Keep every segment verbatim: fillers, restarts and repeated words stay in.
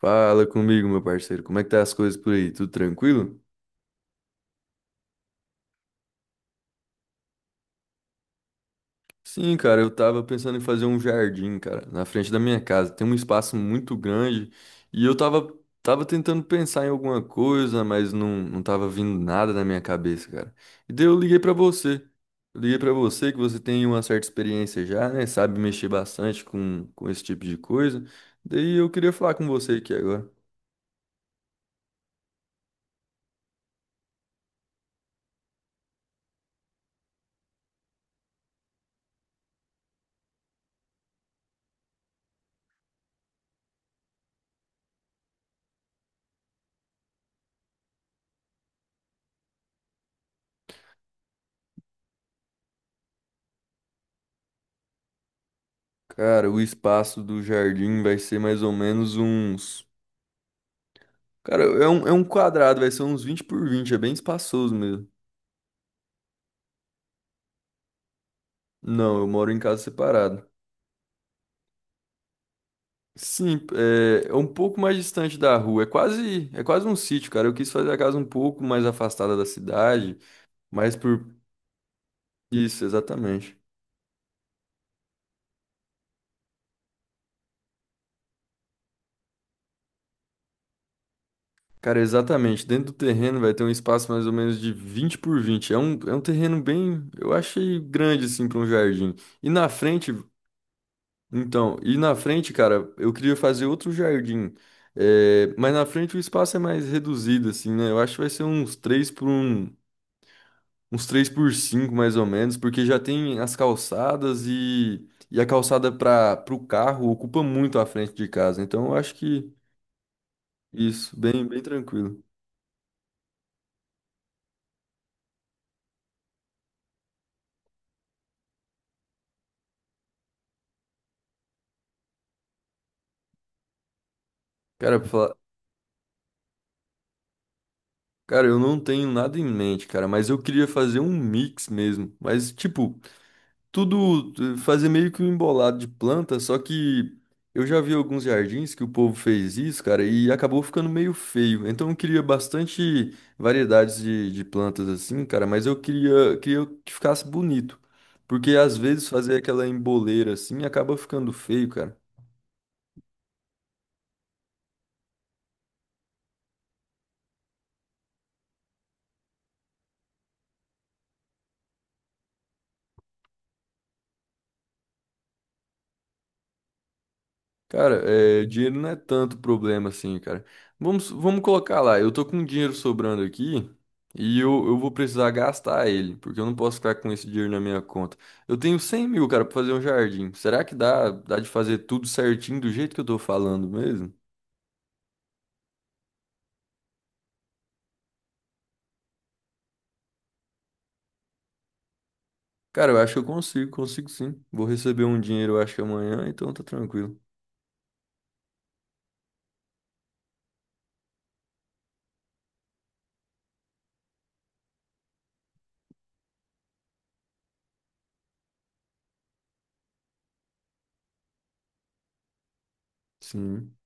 Fala comigo, meu parceiro. Como é que tá as coisas por aí? Tudo tranquilo? Sim, cara, eu tava pensando em fazer um jardim, cara, na frente da minha casa. Tem um espaço muito grande e eu tava, tava tentando pensar em alguma coisa, mas não, não tava vindo nada na minha cabeça, cara. E daí eu liguei pra você. Eu liguei pra você que você tem uma certa experiência já, né? Sabe mexer bastante com, com esse tipo de coisa. Daí eu queria falar com você aqui agora. Cara, o espaço do jardim vai ser mais ou menos uns, cara, é um, é um quadrado, vai ser uns vinte por vinte, é bem espaçoso mesmo. Não, eu moro em casa separada. Sim, é, é um pouco mais distante da rua, é quase, é quase um sítio, cara. Eu quis fazer a casa um pouco mais afastada da cidade, mas por isso, exatamente. Cara, exatamente, dentro do terreno vai ter um espaço mais ou menos de vinte por vinte. É um, é um terreno bem, eu achei grande assim para um jardim. E na frente Então, e na frente, cara, eu queria fazer outro jardim. É, mas na frente o espaço é mais reduzido, assim, né? Eu acho que vai ser uns três por um, uns três por cinco, mais ou menos, porque já tem as calçadas e, e a calçada para o carro ocupa muito a frente de casa. Então, eu acho que isso, bem, bem tranquilo. Cara, pra falar, cara, eu não tenho nada em mente, cara, mas eu queria fazer um mix mesmo. Mas, tipo, tudo eh, fazer meio que um embolado de planta, só que eu já vi alguns jardins que o povo fez isso, cara, e acabou ficando meio feio. Então eu queria bastante variedades de, de plantas assim, cara, mas eu queria, queria que ficasse bonito. Porque às vezes fazer aquela emboleira assim acaba ficando feio, cara. Cara, é, dinheiro não é tanto problema assim, cara. Vamos, vamos colocar lá, eu tô com dinheiro sobrando aqui e eu, eu vou precisar gastar ele, porque eu não posso ficar com esse dinheiro na minha conta. Eu tenho cem mil, cara, pra fazer um jardim. Será que dá, dá de fazer tudo certinho do jeito que eu tô falando mesmo? Cara, eu acho que eu consigo, consigo sim. Vou receber um dinheiro, eu acho que amanhã, então tá tranquilo. Sim.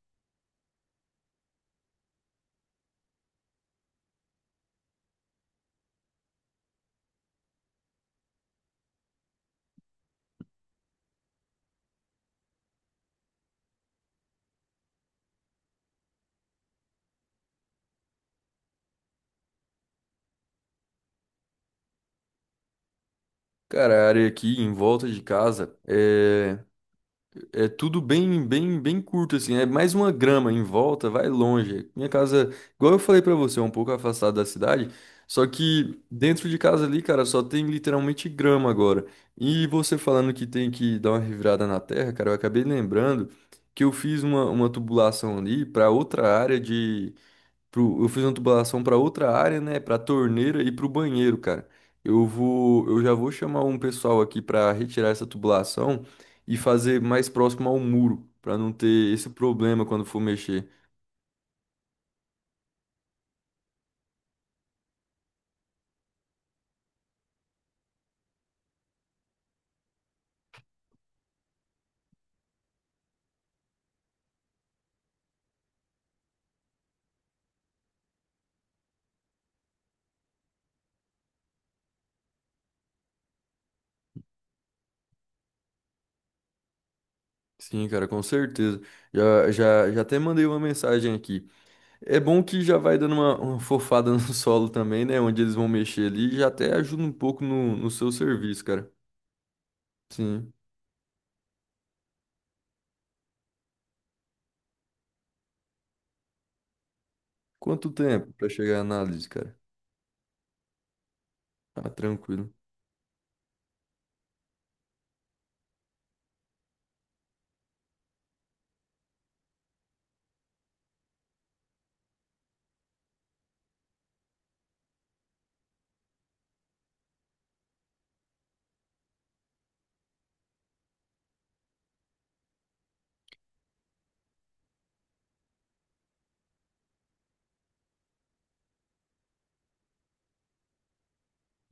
Cara, a área aqui em volta de casa eh, é tudo bem, bem, bem curto, assim. É mais uma grama em volta, vai longe. Minha casa, igual eu falei pra você, é um pouco afastada da cidade. Só que dentro de casa ali, cara, só tem literalmente grama agora. E você falando que tem que dar uma revirada na terra, cara, eu acabei lembrando que eu fiz uma, uma tubulação ali pra outra área de pro- eu fiz uma tubulação para outra área, né? Para torneira e para o banheiro, cara. Eu vou, eu já vou chamar um pessoal aqui para retirar essa tubulação e fazer mais próximo ao muro, para não ter esse problema quando for mexer. Sim, cara, com certeza. Já, já, já até mandei uma mensagem aqui. É bom que já vai dando uma, uma fofada no solo também, né? Onde eles vão mexer ali, já até ajuda um pouco no, no seu serviço, cara. Sim. Quanto tempo para chegar a análise, cara? Ah, tranquilo.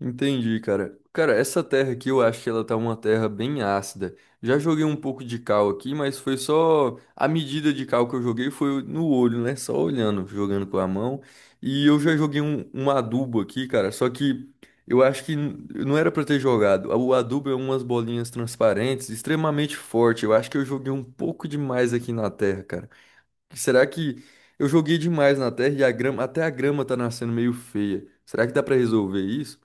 Entendi, cara. Cara, essa terra aqui eu acho que ela tá uma terra bem ácida. Já joguei um pouco de cal aqui, mas foi só, a medida de cal que eu joguei foi no olho, né? Só olhando, jogando com a mão. E eu já joguei um, um adubo aqui, cara. Só que eu acho que n- não era pra ter jogado. O adubo é umas bolinhas transparentes, extremamente forte. Eu acho que eu joguei um pouco demais aqui na terra, cara. Será que eu joguei demais na terra e a grama, até a grama tá nascendo meio feia? Será que dá pra resolver isso?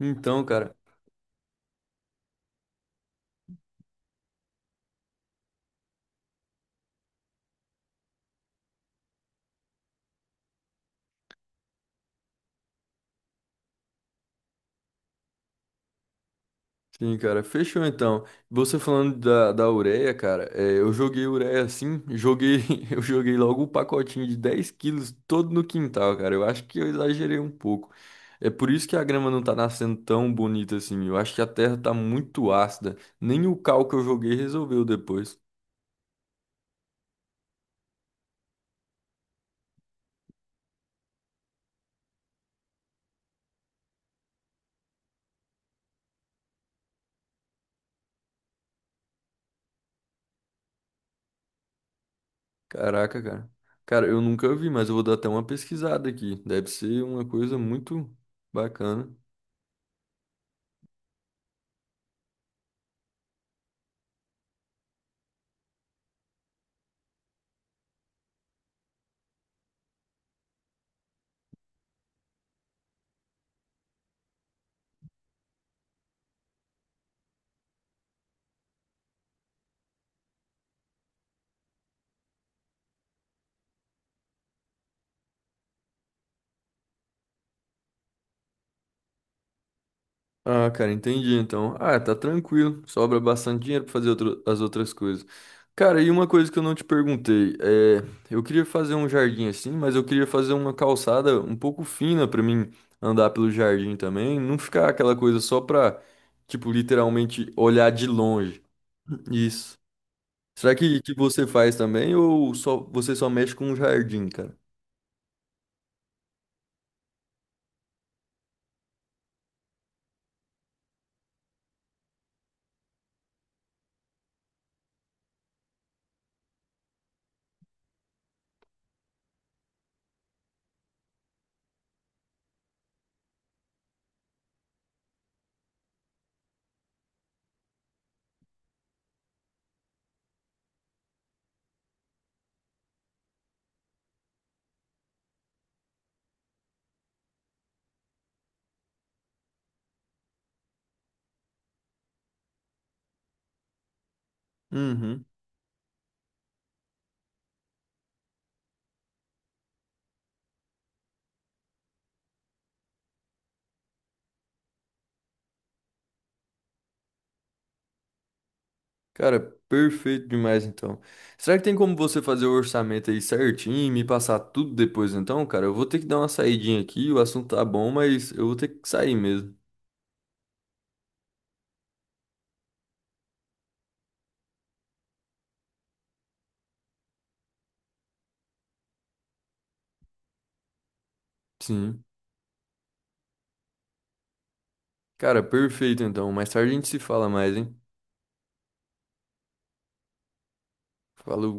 Então, cara, sim, cara, fechou então. Você falando da, da ureia, cara, é, eu joguei ureia assim, joguei, eu joguei logo um pacotinho de dez quilos todo no quintal, cara. Eu acho que eu exagerei um pouco. É por isso que a grama não tá nascendo tão bonita assim. Eu acho que a terra tá muito ácida. Nem o cal que eu joguei resolveu depois. Caraca, cara. Cara, eu nunca vi, mas eu vou dar até uma pesquisada aqui. Deve ser uma coisa muito bacana. Ah, cara, entendi então. Ah, tá tranquilo. Sobra bastante dinheiro pra fazer outro- as outras coisas. Cara, e uma coisa que eu não te perguntei, é, eu queria fazer um jardim assim, mas eu queria fazer uma calçada um pouco fina pra mim andar pelo jardim também, não ficar aquela coisa só pra, tipo, literalmente olhar de longe. Isso. Será que, que você faz também ou só você só mexe com o jardim, cara? Uhum. Cara, perfeito demais então. Será que tem como você fazer o orçamento aí certinho e me passar tudo depois então, cara? Eu vou ter que dar uma saidinha aqui, o assunto tá bom, mas eu vou ter que sair mesmo. Sim. Cara, perfeito então. Mais tarde a gente se fala mais, hein? Falou.